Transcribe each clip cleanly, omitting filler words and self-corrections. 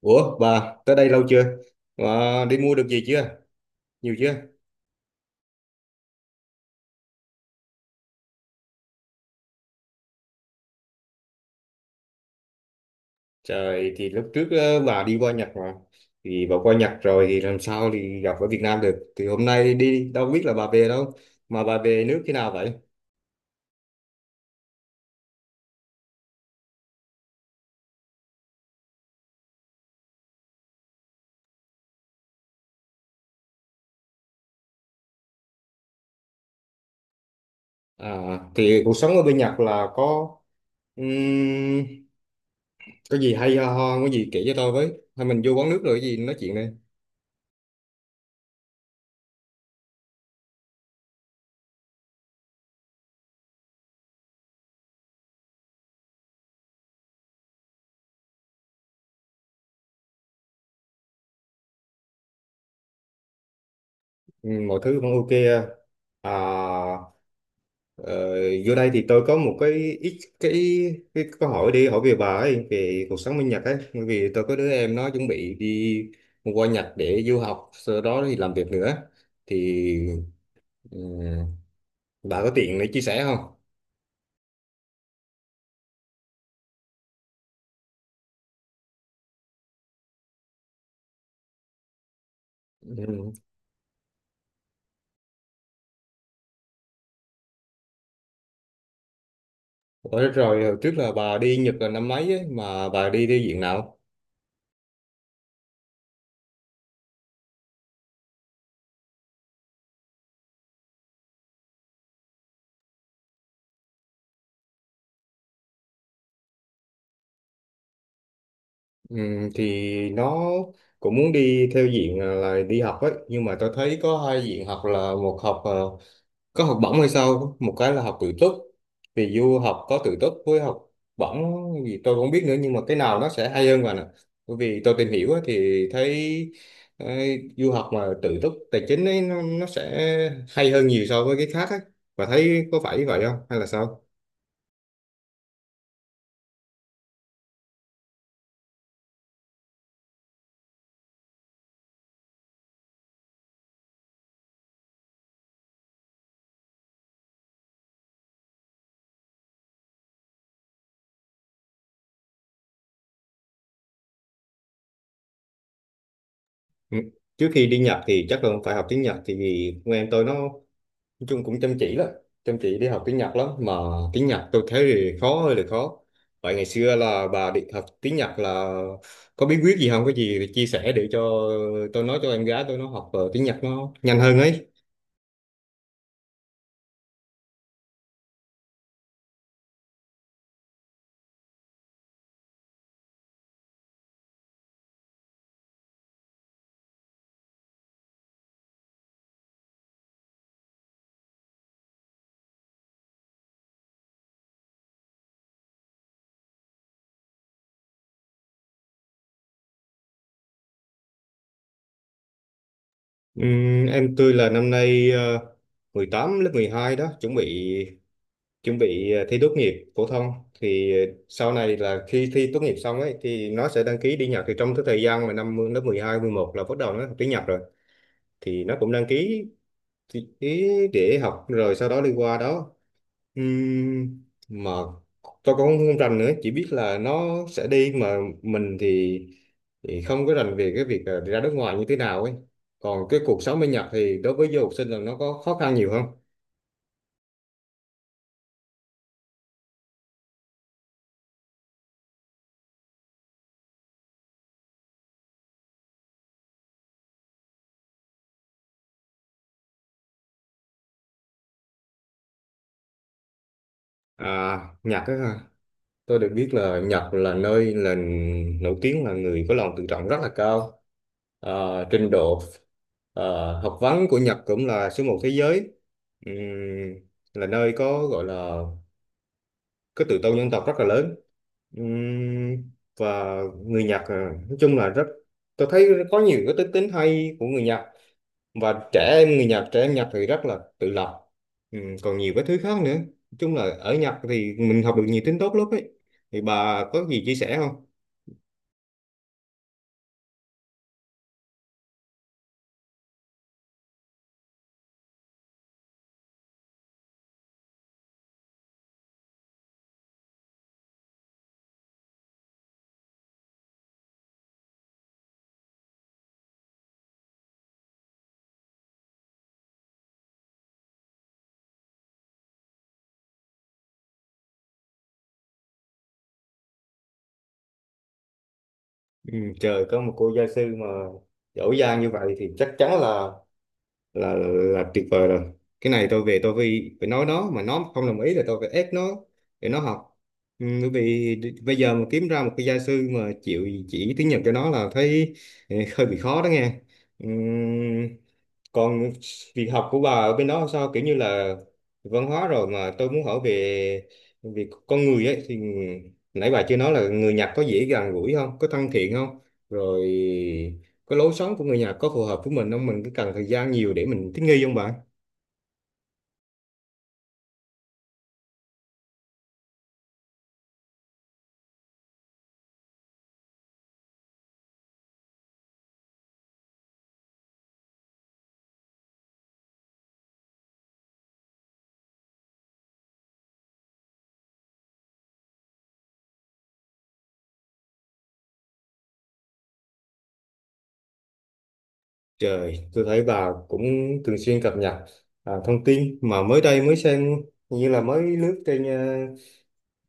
Ủa bà tới đây lâu chưa? Bà đi mua được gì chưa? Nhiều chưa? Trời thì lúc trước bà đi qua Nhật mà thì bà qua Nhật rồi thì làm sao thì gặp ở Việt Nam được thì hôm nay đi đâu biết là bà về đâu mà bà về nước khi nào vậy? À, thì cuộc sống ở bên Nhật là ừm, có gì hay ho ho có gì kể cho tôi với hay mình vô quán nước rồi cái gì nói chuyện đây. Ừ, mọi thứ vẫn ok. À, ờ, vô đây thì tôi có một cái ít cái, cái câu hỏi đi hỏi về bà ấy về cuộc sống bên Nhật ấy, bởi vì tôi có đứa em nó chuẩn bị đi qua Nhật để du học sau đó thì làm việc nữa thì ừ, bà có tiện để chia sẻ không? Ừ. Ủa, rồi hồi trước là bà đi Nhật là năm mấy ấy, mà bà đi theo diện nào? Ừ, thì nó cũng muốn đi theo diện là đi học ấy, nhưng mà tôi thấy có hai diện học, là một học có học bổng hay sao, một cái là học tự túc, vì du học có tự túc với học bổng gì tôi không biết nữa, nhưng mà cái nào nó sẽ hay hơn bạn ạ? Bởi vì tôi tìm hiểu á, thì thấy ờ, du học mà tự túc tài chính ấy, nó sẽ hay hơn nhiều so với cái khác ấy, và thấy có phải vậy không hay là sao? Ừ. Trước khi đi Nhật thì chắc là phải học tiếng Nhật, thì vì con em tôi nó nói chung cũng chăm chỉ lắm, chăm chỉ đi học tiếng Nhật lắm mà tiếng Nhật tôi thấy thì khó, hơi là khó. Vậy ngày xưa là bà đi học tiếng Nhật là có bí quyết gì không, có gì thì chia sẻ để cho tôi nói cho em gái tôi nó học tiếng Nhật nó nhanh hơn ấy. Em tôi là năm nay 18, lớp 12 đó, chuẩn bị thi tốt nghiệp phổ thông. Thì ờ, sau này là khi thi tốt nghiệp xong ấy thì nó sẽ đăng ký đi Nhật, thì trong cái thời gian mà năm lớp 12, 11 là bắt đầu nó học tiếng Nhật rồi, thì nó cũng đăng ký, thì ý để học rồi sau đó đi qua đó. Mà tôi cũng không không rành nữa, chỉ biết là nó sẽ đi, mà mình thì không có rành về cái việc ra nước ngoài như thế nào ấy. Còn cái cuộc sống bên Nhật thì đối với du học sinh là nó có khó khăn nhiều không? À, Nhật á, tôi được biết là Nhật là nơi là nổi tiếng là người có lòng tự trọng rất là cao. Ờ, trình độ học vấn của Nhật cũng là số một thế giới. Ừm, là nơi có gọi là cái tự tôn dân tộc rất là lớn. Ừm, và người Nhật nói chung là rất, tôi thấy có nhiều cái đức tính hay của người Nhật, và trẻ em người Nhật, trẻ em Nhật thì rất là tự lập. Ừ, còn nhiều cái thứ khác nữa, nói chung là ở Nhật thì mình học được nhiều tính tốt lắm ấy, thì bà có gì chia sẻ không? Ừ, trời, có một cô gia sư mà giỏi giang như vậy thì chắc chắn là là tuyệt vời rồi. Cái này tôi về tôi phải phải nói nó, mà nó không đồng ý là tôi phải ép nó để nó học. Ừ, bởi vì bây giờ mà kiếm ra một cái gia sư mà chịu chỉ tiếng Nhật cho nó là thấy, ừ, hơi bị khó đó nghe. Ừm, còn việc học của bà ở bên đó sao, kiểu như là văn hóa rồi mà tôi muốn hỏi về về con người ấy, thì nãy bà chưa nói là người Nhật có dễ gần gũi không, có thân thiện không, rồi cái lối sống của người Nhật có phù hợp với mình không, mình cứ cần thời gian nhiều để mình thích nghi không bạn? Trời, tôi thấy bà cũng thường xuyên cập nhật à, thông tin mà mới đây mới xem, như là mới lướt trên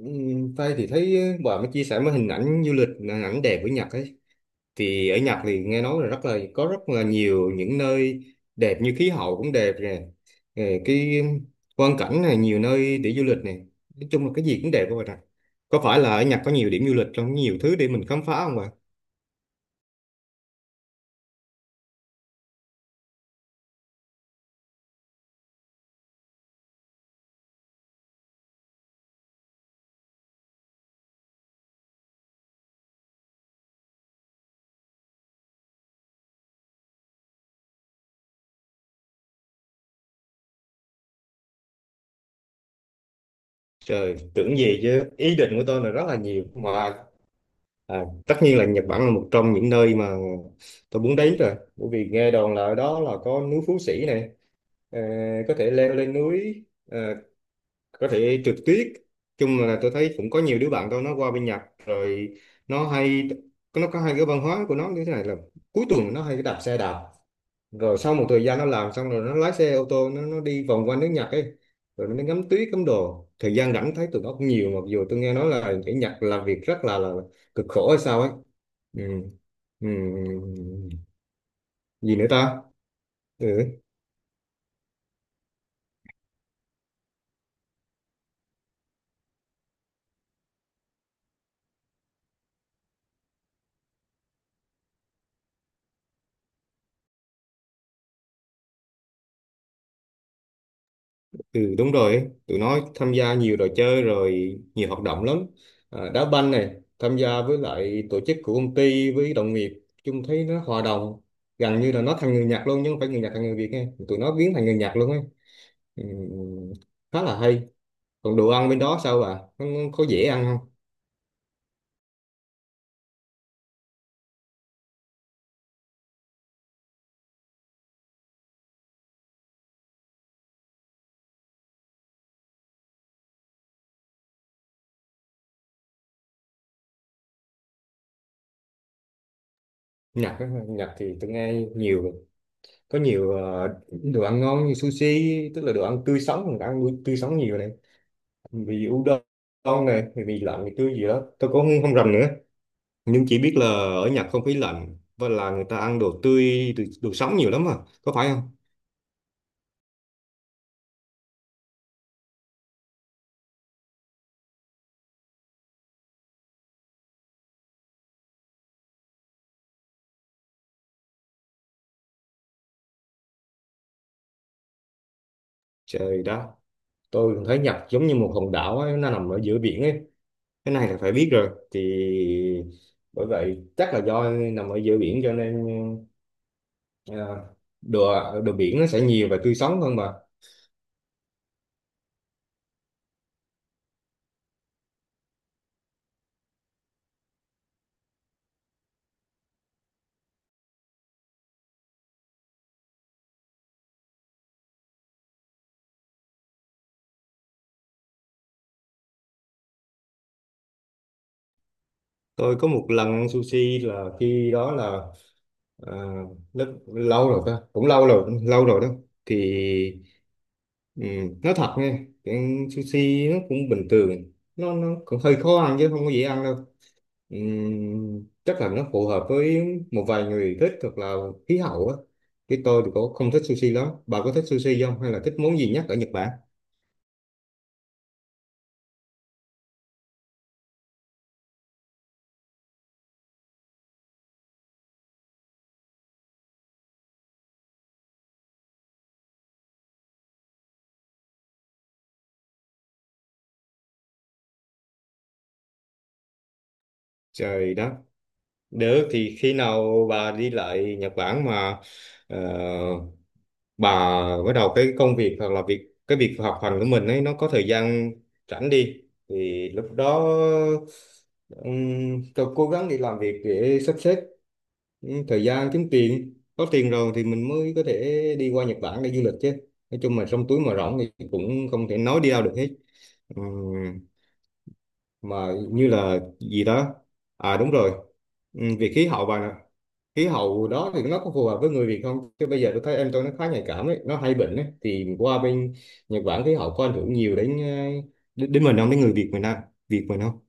tay thì thấy bà mới chia sẻ mấy hình ảnh du lịch, hình ảnh đẹp của Nhật ấy. Thì ở Nhật thì nghe nói là rất là có rất là nhiều những nơi đẹp, như khí hậu cũng đẹp nè. Ờ, cái quang cảnh này, nhiều nơi để du lịch nè, nói chung là cái gì cũng đẹp các bạn ạ. Có phải là ở Nhật có nhiều điểm du lịch, trong nhiều thứ để mình khám phá không bạn? Trời, tưởng gì chứ ý định của tôi là rất là nhiều mà. À, tất nhiên là Nhật Bản là một trong những nơi mà tôi muốn đến rồi, bởi vì nghe đồn là ở đó là có núi Phú Sĩ này, ờ, có thể leo lên núi, có thể trượt tuyết, chung là tôi thấy cũng có nhiều đứa bạn tôi nó qua bên Nhật rồi, nó hay, nó có hai cái văn hóa của nó như thế này là cuối tuần nó hay đạp xe đạp, rồi sau một thời gian nó làm xong rồi nó lái xe ô tô nó đi vòng quanh nước Nhật ấy, rồi nó ngắm tuyết ngắm đồ, thời gian rảnh thấy tụi nó cũng nhiều, mặc dù tôi nghe nói là ở Nhật làm việc rất là cực khổ hay sao ấy. Ừ. Ừ. Gì nữa ta. Ừ. Ừ, đúng rồi ấy, tụi nó tham gia nhiều trò chơi rồi nhiều hoạt động lắm. À, đá banh này, tham gia với lại tổ chức của công ty với đồng nghiệp, chung thấy nó hòa đồng, gần như là nó thành người Nhật luôn, nhưng không phải người Nhật thành người Việt nghe. Tụi nó biến thành người Nhật luôn ấy. Ừ, khá là hay. Còn đồ ăn bên đó sao bà? Nó có dễ ăn không? Nhật á, Nhật thì tôi nghe nhiều, có nhiều đồ ăn ngon như sushi, tức là đồ ăn tươi sống, mình ăn tươi sống nhiều này. Vì udon này, vì mì lạnh, mì tươi gì đó. Tôi cũng không rành nữa, nhưng chỉ biết là ở Nhật không khí lạnh và là người ta ăn đồ tươi, đồ sống nhiều lắm à, có phải không? Trời đất, tôi cũng thấy Nhật giống như một hòn đảo ấy, nó nằm ở giữa biển ấy, cái này là phải biết rồi. Thì bởi vậy chắc là do nằm ở giữa biển cho nên à, đồ đồ biển nó sẽ nhiều và tươi sống hơn mà. Tôi có một lần ăn sushi là khi đó là à, lớp lâu rồi ta, cũng lâu rồi, lâu rồi đó. Thì ừ, nói thật nha, cái sushi nó cũng bình thường, nó cũng hơi khó ăn chứ không có dễ ăn đâu. Chắc là nó phù hợp với một vài người thích, hoặc là khí hậu á. Cái tôi thì cũng không thích sushi lắm, bà có thích sushi không hay là thích món gì nhất ở Nhật Bản? Trời đó, được thì khi nào bà đi lại Nhật Bản mà ờ, bà bắt đầu cái công việc hoặc là cái việc học hành của mình ấy, nó có thời gian rảnh đi, thì lúc đó tôi cố gắng đi làm việc để sắp xếp thời gian kiếm tiền, có tiền rồi thì mình mới có thể đi qua Nhật Bản để du lịch chứ. Nói chung mà trong túi mà rỗng thì cũng không thể nói đi đâu được hết. Ừm, mà như là gì đó, à đúng rồi. Việc khí hậu bà nè, khí hậu đó thì nó có phù hợp với người Việt không, chứ bây giờ tôi thấy em tôi nó khá nhạy cảm ấy, nó hay bệnh ấy, thì qua bên Nhật Bản khí hậu có ảnh hưởng nhiều đến đến mình không, đến người Việt mình không, Việt mình không?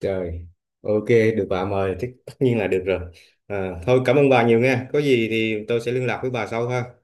Trời, ok, được, bà mời thì tất nhiên là được rồi. À, thôi cảm ơn bà nhiều nha, có gì thì tôi sẽ liên lạc với bà sau ha.